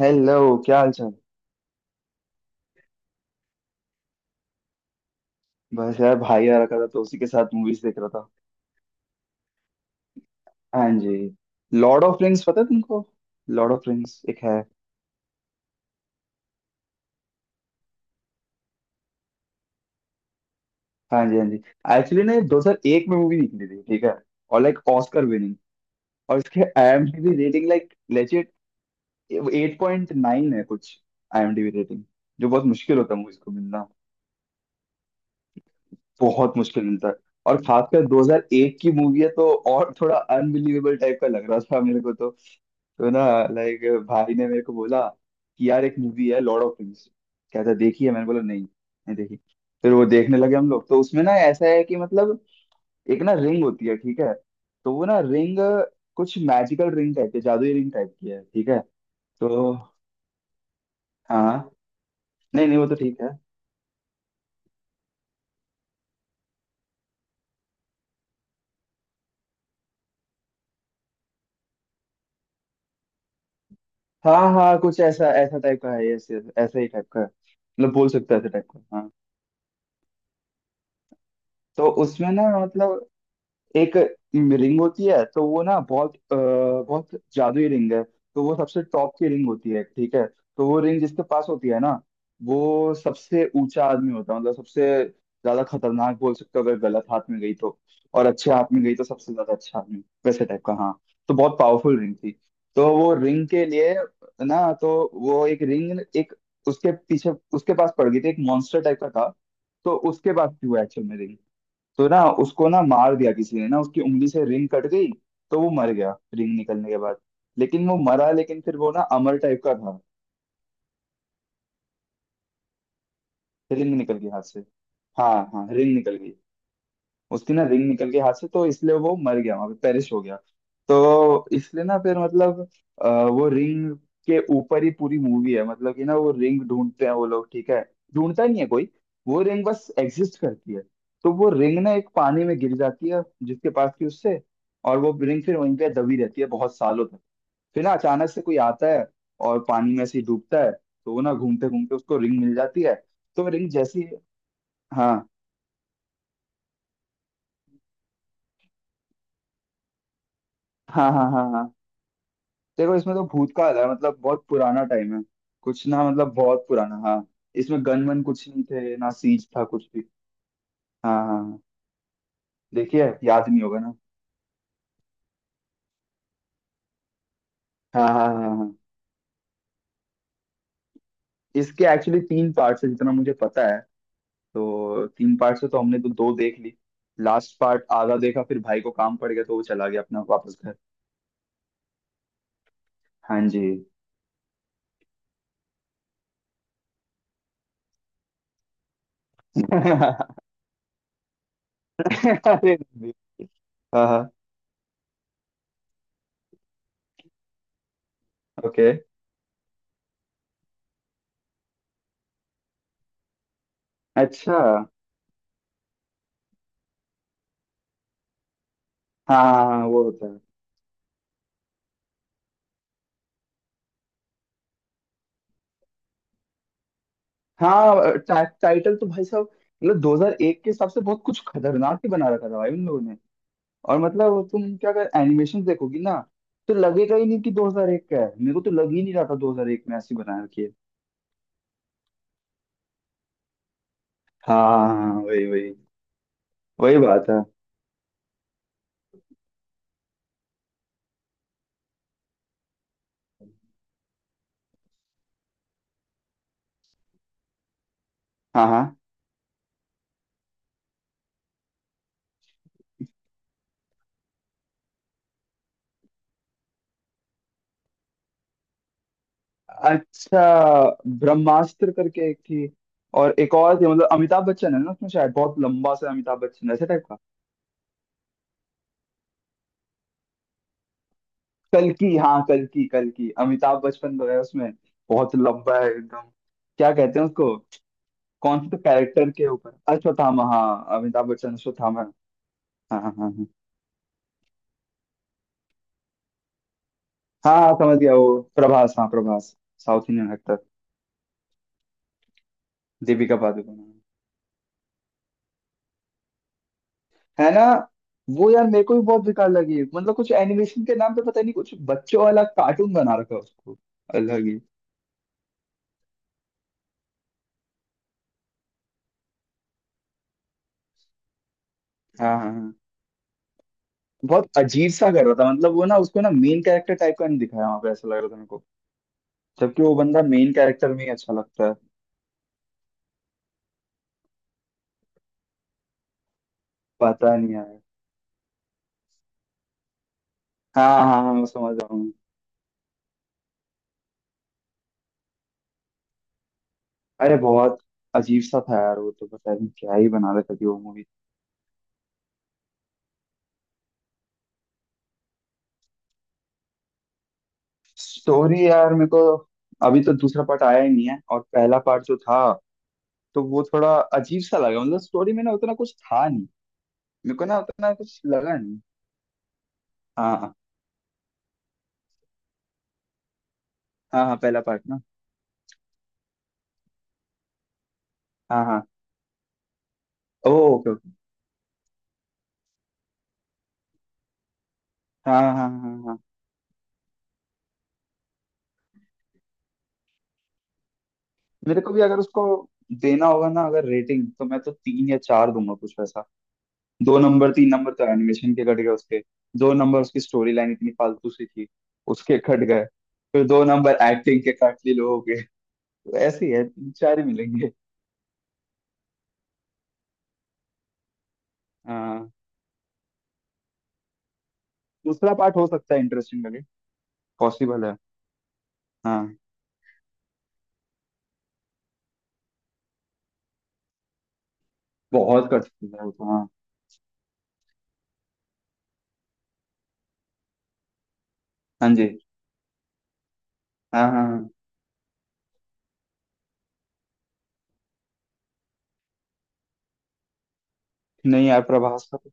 Hello. क्या हाल चाल? बस यार भाई आ रखा था तो उसी के साथ मूवीज देख रहा था। हाँ जी। लॉर्ड ऑफ रिंग्स पता है तुमको? लॉर्ड ऑफ रिंग्स एक है। हाँ जी, हाँ जी। एक्चुअली ना ये 2001 में मूवी निकली थी, ठीक है। और लाइक ऑस्कर विनिंग। और इसके आईएमडीबी रेटिंग लाइक लेजिट 8.9 है कुछ। आईएमडीबी रेटिंग जो बहुत मुश्किल होता है मूवीज को मिलना। बहुत मुश्किल मिलता है। और खासकर 2001 की मूवी है तो और थोड़ा अनबिलीवेबल टाइप का लग रहा था मेरे को तो। तो ना, लाइक, भाई ने मेरे को बोला कि यार एक मूवी है लॉर्ड ऑफ रिंग्स, कहता देखी है? मैंने बोला नहीं नहीं देखी। फिर वो देखने लगे हम लोग तो उसमें ना ऐसा है कि मतलब एक ना रिंग होती है, ठीक है। तो वो ना रिंग कुछ मैजिकल रिंग टाइप की, जादुई रिंग टाइप की है, ठीक है। तो हाँ, नहीं नहीं वो तो ठीक है। हाँ हाँ कुछ ऐसा ऐसा टाइप का है ऐसे। ऐसा ही टाइप का है। मतलब बोल सकते हैं ऐसे टाइप का हाँ। तो उसमें ना मतलब एक रिंग होती है, तो वो ना बहुत बहुत जादुई रिंग है। तो वो सबसे टॉप की रिंग होती है, ठीक है। तो वो रिंग जिसके पास होती है ना, वो सबसे ऊंचा आदमी होता है, मतलब सबसे ज्यादा खतरनाक बोल सकते हो अगर गलत हाथ में गई तो। और अच्छे हाथ में गई तो सबसे ज्यादा अच्छा आदमी, वैसे टाइप का हाँ। तो बहुत पावरफुल रिंग थी। तो वो रिंग के लिए ना तो वो एक रिंग एक उसके पीछे उसके पास पड़ गई थी, एक मॉन्स्टर टाइप का था। तो उसके पास थी वो एक्चुअल में रिंग। तो ना उसको ना मार दिया किसी ने ना, उसकी उंगली से रिंग कट गई। तो वो मर गया रिंग निकलने के बाद। लेकिन वो मरा, लेकिन फिर वो ना अमर टाइप का था। रिंग निकल गई हाथ से। हाँ हाँ रिंग निकल गई। उसकी ना रिंग निकल गई हाथ से तो इसलिए वो मर गया, वहां पे पेरिश हो गया। तो इसलिए ना फिर मतलब वो रिंग के ऊपर ही पूरी मूवी है, मतलब कि ना वो रिंग ढूंढते हैं वो लोग, ठीक है। ढूंढता नहीं है कोई, वो रिंग बस एग्जिस्ट करती है। तो वो रिंग ना एक पानी में गिर जाती है जिसके पास थी उससे। और वो रिंग फिर वहीं पे दबी रहती है बहुत सालों तक। फिर ना अचानक से कोई आता है और पानी में से ही डूबता है तो वो ना घूमते घूमते उसको रिंग मिल जाती है। तो रिंग जैसी हाँ हाँ हाँ हाँ हाँ। देखो इसमें तो भूतकाल है, मतलब बहुत पुराना टाइम है। कुछ ना मतलब बहुत पुराना हाँ। इसमें गन वन कुछ नहीं थे ना, सीज था कुछ भी। हाँ हाँ हाँ। देखिए याद नहीं होगा ना। हाँ हाँ हाँ हाँ। इसके एक्चुअली तीन पार्ट्स है जितना मुझे पता है। तो तीन पार्ट्स है तो हमने तो दो देख ली। लास्ट पार्ट आधा देखा, फिर भाई को काम पड़ गया तो वो चला गया अपना वापस घर। हाँ जी। अरे, हाँ हाँ, ओके, अच्छा, हाँ हाँ हाँ, वो होता है। हाँ, टाइटल तो भाई साहब मतलब 2001 के हिसाब से बहुत कुछ खतरनाक ही बना रखा था भाई उन लोगों ने। और मतलब तुम क्या अगर एनिमेशन देखोगी ना तो लगेगा ही नहीं कि 2001 का है। मेरे को तो लग ही नहीं रहा था 2001 में ऐसी बना रखी है। हाँ हाँ, हाँ, हाँ, वही वही। वही बात है। हाँ हाँ। अच्छा, ब्रह्मास्त्र करके एक थी। और एक और थी, मतलब अमिताभ बच्चन है ना उसमें, शायद बहुत लंबा सा अमिताभ बच्चन ऐसे टाइप का। कल्कि, हाँ कल्कि, कल्कि, अमिताभ बच्चन तो है उसमें। बहुत लंबा है एकदम। क्या कहते हैं उसको, कौन से कैरेक्टर के ऊपर? अश्वत्थामा, हाँ अमिताभ बच्चन अश्वत्थामा। हाँ हाँ हाँ हाँ। हाँ हाँ, समझ गया वो प्रभास, हाँ Prabhas. South Indian actor. Deepika Padukone है ना। वो यार मेरे को भी बहुत बेकार लगी, मतलब कुछ एनिमेशन के नाम पे पता नहीं कुछ बच्चों वाला कार्टून बना रखा है उसको। अलग ही। हाँ हाँ हाँ। बहुत अजीब सा कर रहा था, मतलब वो ना उसको ना मेन कैरेक्टर टाइप का नहीं दिखाया वहां पे, ऐसा लग रहा था मेरे को। जबकि वो बंदा मेन कैरेक्टर में ही अच्छा लगता है। पता नहीं यार। हाँ हाँ हाँ मैं समझ रहा हूँ। अरे बहुत अजीब सा था यार वो तो, पता नहीं क्या ही बना रहे थे अभी वो मूवी। स्टोरी यार मेरे को, अभी तो दूसरा पार्ट आया ही नहीं है, और पहला पार्ट जो था तो वो थोड़ा अजीब सा लगा, मतलब स्टोरी में ना उतना कुछ था नहीं। मेरे को ना उतना कुछ लगा नहीं। हाँ हाँ हाँ हाँ, पहला पार्ट ना। हाँ हाँ, ओ ओके ओके। हाँ हाँ हाँ हाँ हाँ। मेरे को भी अगर उसको देना होगा ना अगर रेटिंग, तो मैं तो तीन या चार दूंगा कुछ। दो नंबर तीन नंबर तो एनिमेशन के कट गए उसके। दो नंबर उसकी स्टोरी लाइन इतनी फालतू सी थी, उसके कट गए। फिर दो नंबर एक्टिंग के काट लिए लोगों के। तो ऐसे ही है, तीन चार ही मिलेंगे। हाँ, दूसरा पार्ट हो सकता है इंटरेस्टिंग लगे। पॉसिबल है। हाँ, बहुत कठिन है वो तो हाँ। हाँ जी, हाँ हाँ हाँ। नहीं यार प्रभास का तो,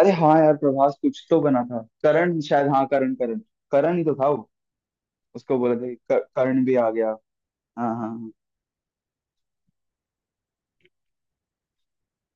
अरे हाँ यार प्रभास कुछ तो बना था करण शायद, हाँ करण करण। करण ही तो था वो। उसको बोला था कि करण भी आ गया। हाँ हाँ हाँ।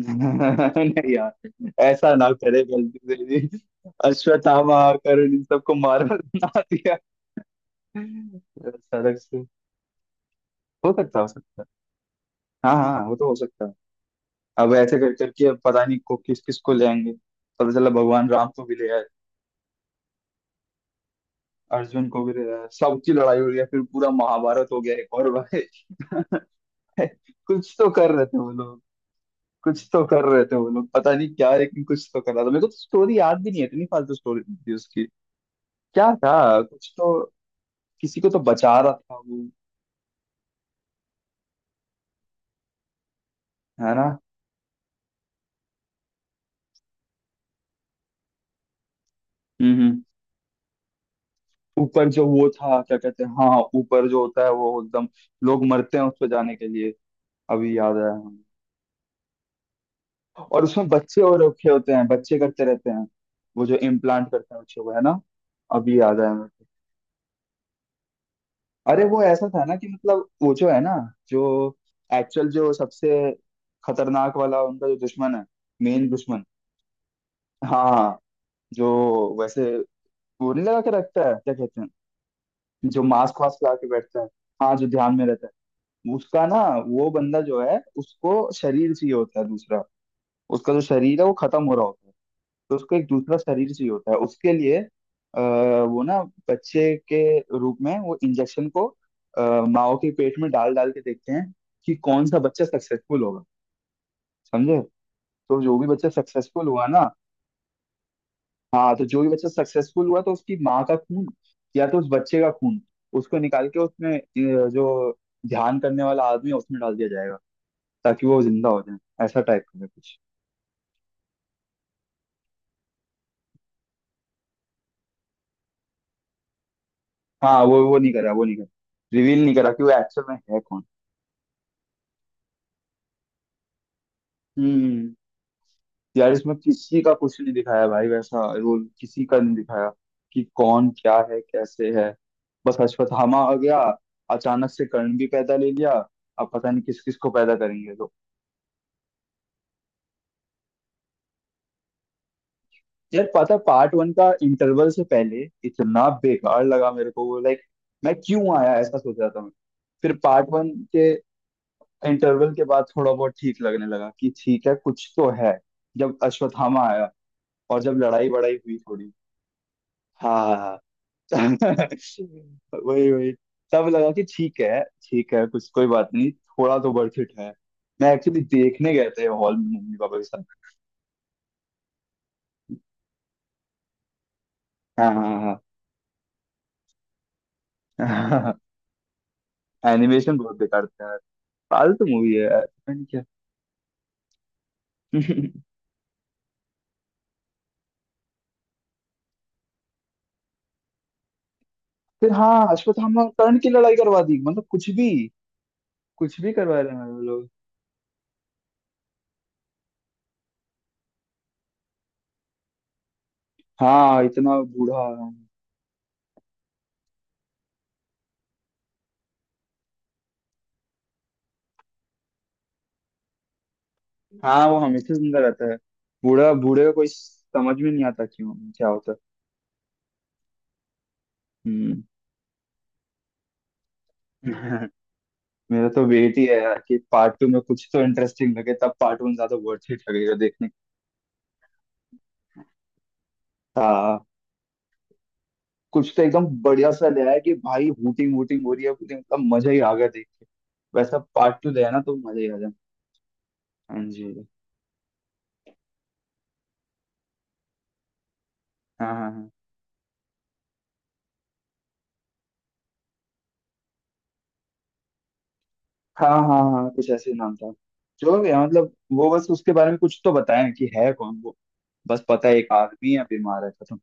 नहीं यार ऐसा ना करे गलती से जी। अश्वत्थामा आकर इन सबको मार बना दिया सड़क से। हो सकता, हो सकता है। हाँ हाँ वो तो हो सकता है। अब ऐसे कर करके अब पता नहीं को किस किस को ले आएंगे। पता चला भगवान राम को भी ले आए। अर्जुन को भी ले आए, सबकी लड़ाई हो गया, फिर पूरा महाभारत हो गया एक और भाई। कुछ तो कर रहे थे वो लोग। कुछ तो कर रहे थे वो लोग, पता नहीं क्या, लेकिन कुछ तो कर रहा था। मेरे को तो स्टोरी याद भी नहीं है, इतनी फालतू स्टोरी थी उसकी। क्या था कुछ तो, किसी को तो बचा रहा था वो, है ना। हम्म। ऊपर जो वो था, क्या कहते हैं, हाँ ऊपर जो होता है वो एकदम, लोग मरते हैं उस पर जाने के लिए। अभी याद आया हमें। और उसमें बच्चे और रखे होते हैं, बच्चे करते रहते हैं, वो जो इम्प्लांट करते हैं बच्चों को, है ना। अभी याद आया मेरे को। अरे वो ऐसा था ना कि मतलब वो जो है ना, जो एक्चुअल जो सबसे खतरनाक वाला उनका जो दुश्मन है, मेन दुश्मन, हाँ जो वैसे गोली लगा के रखता है, क्या कहते हैं, जो मास्क वास्क लगा के बैठता है, हाँ जो ध्यान में रहता है उसका ना, वो बंदा जो है उसको शरीर चाहिए होता है दूसरा। उसका जो शरीर है वो खत्म हो रहा होता है, तो उसको एक दूसरा शरीर चाहिए होता है उसके लिए। आ, वो ना बच्चे के रूप में वो इंजेक्शन को, माओ के पेट में डाल डाल के देखते हैं कि कौन सा बच्चा सक्सेसफुल होगा। समझे? तो जो भी बच्चा सक्सेसफुल हुआ ना, हाँ तो जो भी बच्चा सक्सेसफुल हुआ तो उसकी माँ का खून या तो उस बच्चे का खून, उसको निकाल के उसमें जो ध्यान करने वाला आदमी है उसमें डाल दिया जाएगा ताकि वो जिंदा हो जाए, ऐसा टाइप का है कुछ। हाँ वो नहीं करा, वो नहीं करा, रिवील नहीं करा कि वो एक्चुअल में है कौन। हम्म। यार इसमें किसी का कुछ नहीं दिखाया भाई, वैसा रोल किसी का नहीं दिखाया, कि कौन क्या है कैसे है। बस अश्वत्थामा आ गया, अचानक से कर्ण भी पैदा ले लिया। अब पता नहीं किस किस को पैदा करेंगे तो। यार पता, पार्ट वन का इंटरवल से पहले इतना बेकार लगा मेरे को वो, लाइक मैं क्यों आया ऐसा सोच रहा था मैं। फिर पार्ट वन के इंटरवल के बाद थोड़ा बहुत ठीक लगने लगा कि ठीक है कुछ तो है, जब अश्वत्थामा आया, और जब लड़ाई बड़ाई हुई थोड़ी। हाँ वही वही। तब लगा कि ठीक है कुछ कोई बात नहीं, थोड़ा तो वर्थ इट है। मैं एक्चुअली देखने गए थे हॉल में मम्मी पापा के साथ। हाँ हाँ हाँ। एनिमेशन बहुत बेकार था। फालतू मूवी है यार पता नहीं क्या। फिर हाँ अश्वत्थामा और कर्ण की लड़ाई करवा दी, मतलब कुछ भी। कुछ भी करवा रहे हैं वो लोग। हाँ इतना बूढ़ा। हाँ वो हमेशा जिंदा रहता है। बूढ़ा बूढ़े का कोई समझ में नहीं आता क्यों क्या होता है। हम्म। मेरा तो वेट ही है यार कि पार्ट टू में कुछ तो इंटरेस्टिंग लगे, तब पार्ट वन ज्यादा वर्थ इट लगेगा देखने का। हाँ, कुछ तो एकदम बढ़िया सा ले आया कि भाई हूटिंग वूटिंग हो रही है पूरी, मतलब मजा ही आ गया देख के। वैसा पार्ट टू ले आना तो मजा ही आ जाए। हाँ जी, हाँ हाँ हाँ हाँ हाँ हाँ कुछ ऐसे ही नाम था। जो भी है मतलब वो बस उसके बारे में कुछ तो बताया कि है कौन वो। बस पता है एक आदमी है, बीमार है, खत्म।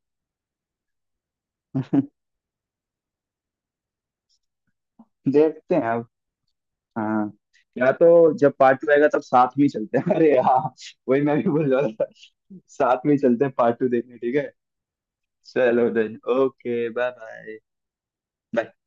देखते हैं अब। हाँ, या तो जब पार्ट टू आएगा तब साथ में ही चलते हैं। अरे हाँ वही मैं भी बोल रहा था, साथ में ही चलते हैं पार्ट टू देखने, ठीक है। चलो देन, ओके बाय बाय।